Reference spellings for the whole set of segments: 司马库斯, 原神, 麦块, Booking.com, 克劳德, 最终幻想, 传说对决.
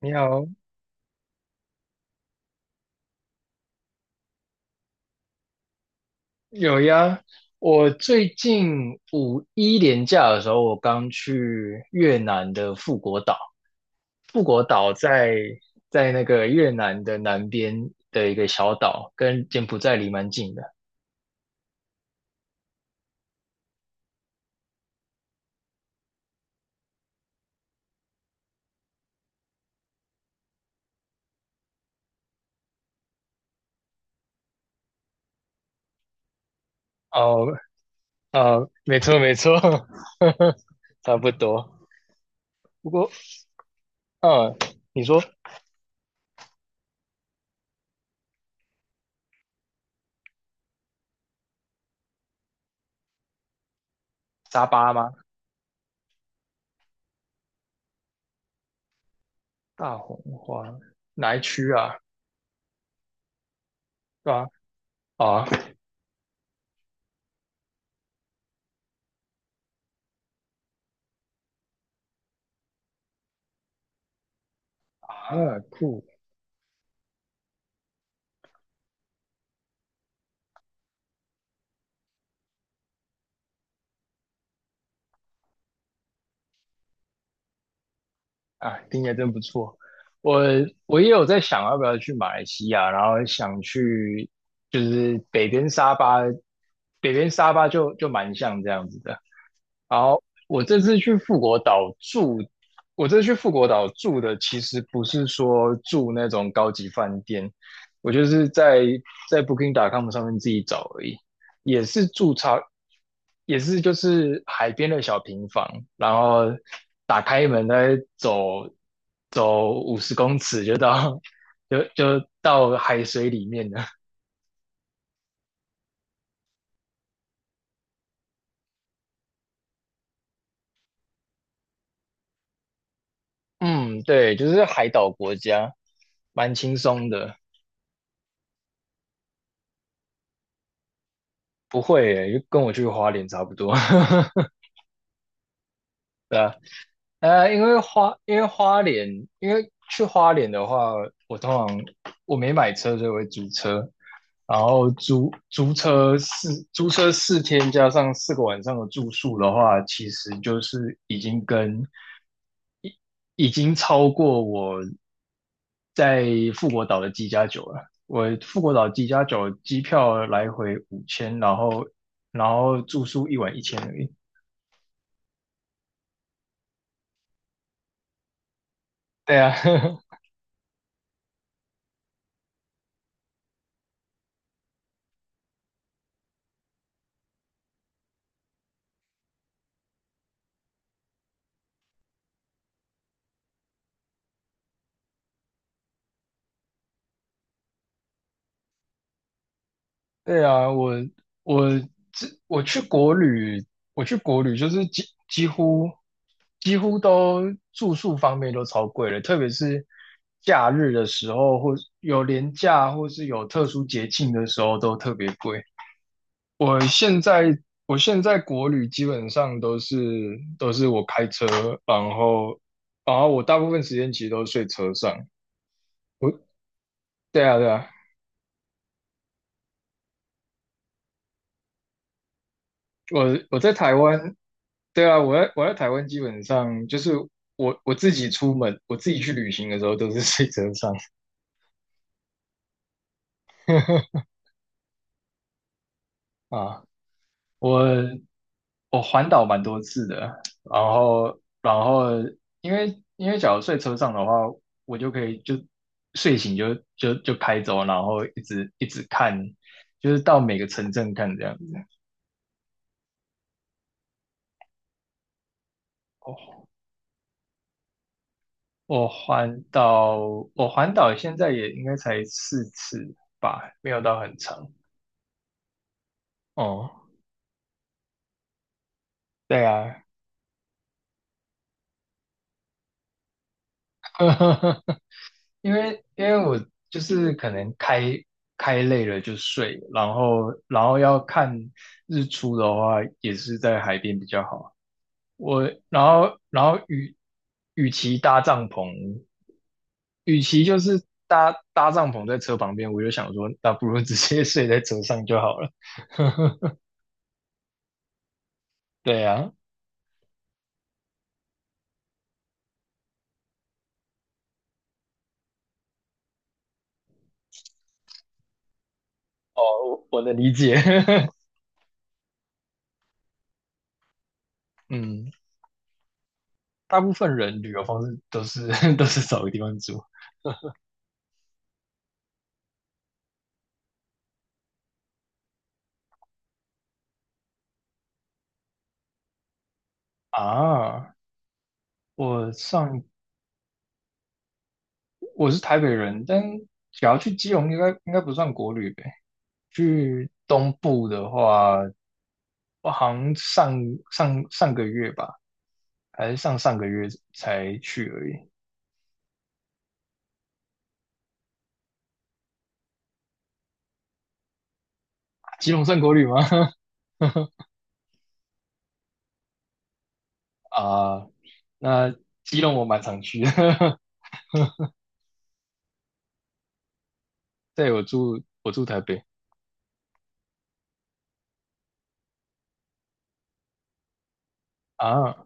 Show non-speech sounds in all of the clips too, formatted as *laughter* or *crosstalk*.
你好，有呀。我最近五一连假的时候，我刚去越南的富国岛。富国岛在那个越南的南边的一个小岛，跟柬埔寨离蛮近的。哦，没错没错，*laughs* 差不多。不过，嗯，你说沙巴吗？大红花哪一区啊？是吧？啊，啊，库听起来真不错。我我也有在想要不要去马来西亚，然后想去就是北边沙巴，北边沙巴就蛮像这样子的。好，我这次去富国岛住，我这次去富国岛住的其实不是说住那种高级饭店，我就是在 Booking.com 上面自己找而已，也是住超，也是就是海边的小平房，然后打开门再走走50公尺就到 *laughs* 就到海水里面了。*laughs* 嗯，对，就是海岛国家，蛮轻松的。不会耶，跟我去花莲差不多。*laughs* 对啊，因为花莲，因为去花莲的话，我通常我没买车，所以我会租车，然后租租车四租车4天加上4个晚上的住宿的话，其实就是已经超过我在富国岛的机加九了。我富国岛机加九机票来回5000，然后住宿1晚1000而已。对啊，*laughs* 对啊，我这我去国旅，我去国旅就是几乎都住宿方面都超贵了，特别是假日的时候，或有连假或是有特殊节庆的时候都特别贵。我现在我现在国旅基本上都是我开车，然后然后我大部分时间其实都睡车上。对啊，对啊。我我在台湾，对啊，我在台湾基本上就是我自己出门，我自己去旅行的时候都是睡车上 *laughs* 啊。我我环岛蛮多次的，然后因为假如睡车上的话，我就可以睡醒就开走，然后一直一直看，就是到每个城镇看这样子。我我环岛，我环岛现在也应该才4次吧，没有到很长。哦，*laughs* 对啊，*laughs* 因为我就是可能开开累了就睡，然后要看日出的话，也是在海边比较好。我然后然后与与其搭帐篷，与其就是搭搭帐篷在车旁边，我就想说，那不如直接睡在车上就好了。对啊，我能理解。*laughs* 嗯，大部分人旅游方式都是 *laughs* 都是找个地方住啊。我上我是台北人，但只要去基隆应该不算国旅呗。去东部的话，我好像上上个月吧，还是上上个月才去而已。基隆算国旅吗？*laughs* 啊，那基隆我蛮常去的，*laughs* 对，我住台北啊，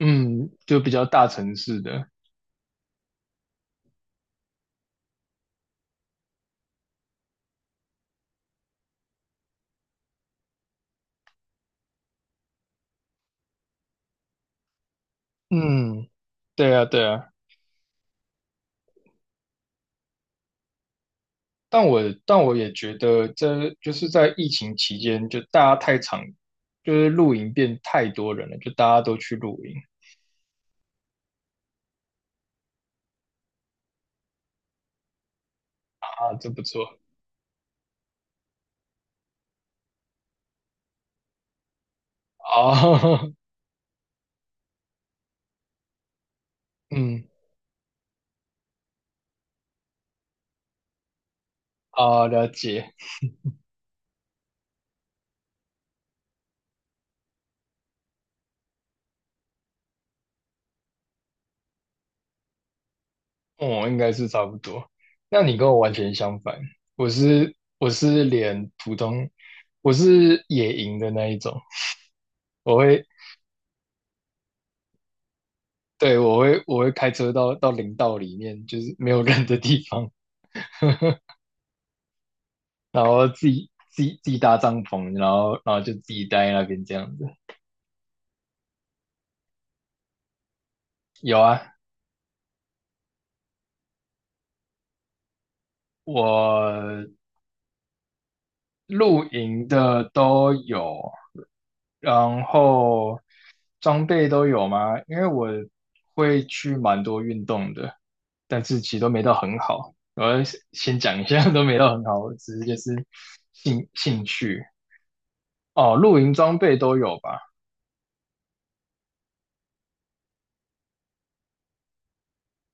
嗯，就比较大城市的，嗯，对啊，对啊。但我但我也觉得，这就是在疫情期间，就大家太常，就是露营变太多人了，就大家都去露营啊，这不错啊，*laughs* 嗯啊，了解，我应该是差不多。那你跟我完全相反，我是我是连普通，我是野营的那一种，我会，对，我会开车到林道里面，就是没有人的地方，然后自己搭帐篷，然后就自己待在那边这样子。有啊，我露营的都有，然后装备都有吗？因为我会去蛮多运动的，但是其实都没到很好。我要先讲一下，*laughs* 都没到很好，我只是就是兴趣哦，露营装备都有吧。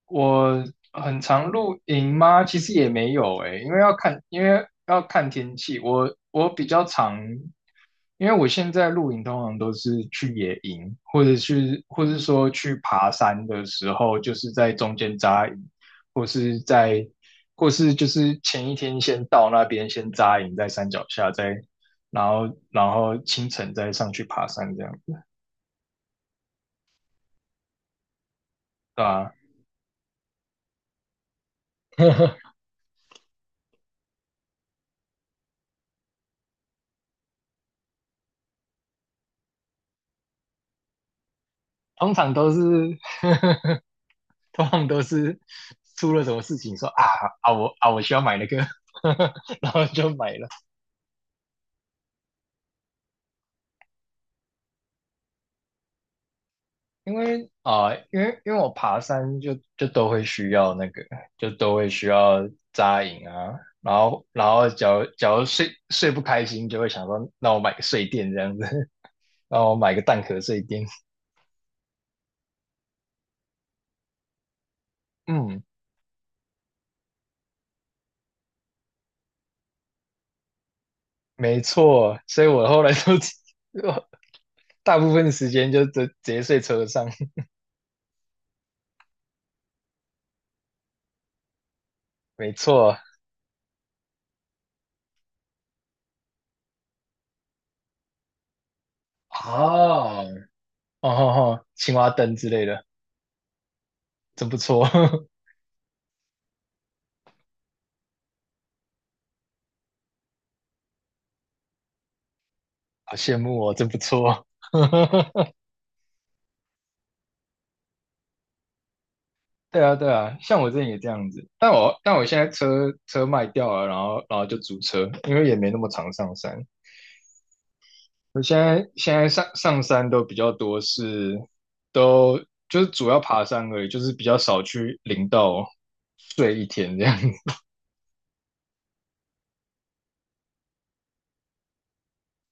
我很常露营吗？其实也没有诶，因为要看天气。我比较常，因为我现在露营通常都是去野营，或是说去爬山的时候，就是在中间扎营，或是在，或是就是前一天先到那边先扎营，在山脚下，然后清晨再上去爬山这样，对吧？*laughs* 通常都是 *laughs* 通常都是出了什么事情说啊我需要买那个，*laughs* 然后就买了。因为啊、呃因为因为我爬山就都会需要那个，就都会需要扎营啊。然后假如睡睡不开心，就会想说那我买个睡垫这样子，那我买个蛋壳睡垫。嗯，没错，所以我后来都 *laughs* 大部分时间就直接睡车上。没错。哦，哦吼吼，青蛙灯之类的，真不错，*laughs* 好羡慕哦，真不错。*laughs* 对啊，对啊，像我之前也这样子，但我现在车车卖掉了，然后就租车，因为也没那么常上山。我现在现在上上山都比较多是，都就是主要爬山而已，就是比较少去林道睡一天这样子。*laughs*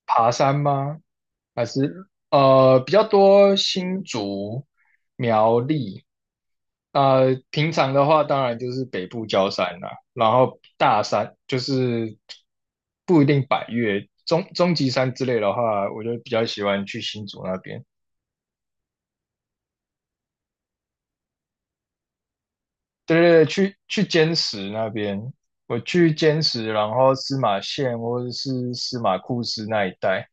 爬山吗？还是比较多新竹、苗栗。平常的话，当然就是北部郊山啦、然后大山就是不一定百岳，中极山之类的话，我就比较喜欢去新竹那边。对对对，去坚石那边，我去坚石，然后司马县或者是司马库斯那一带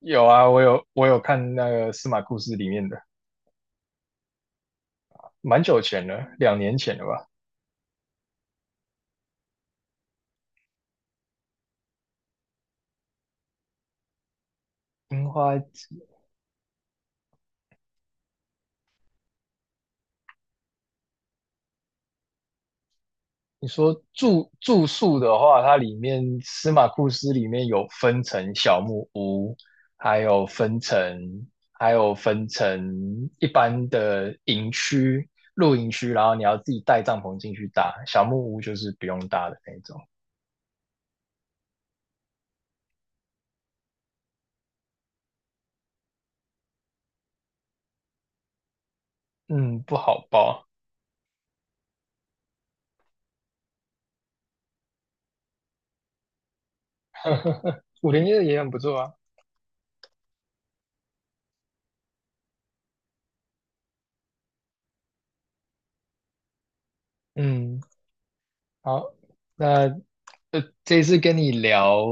有啊，我有看那个司马库斯里面的，蛮久前了，2年前的吧。樱花季，你说住宿的话，它里面司马库斯里面有分成小木屋，还有分成还有分成一般的营区、露营区，然后你要自己带帐篷进去搭。小木屋就是不用搭的那种，嗯，不好包。*laughs* 501的也很不错啊。嗯，好，那这次跟你聊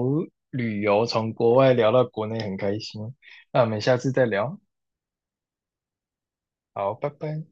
旅游，从国外聊到国内很开心，那我们下次再聊。好，拜拜。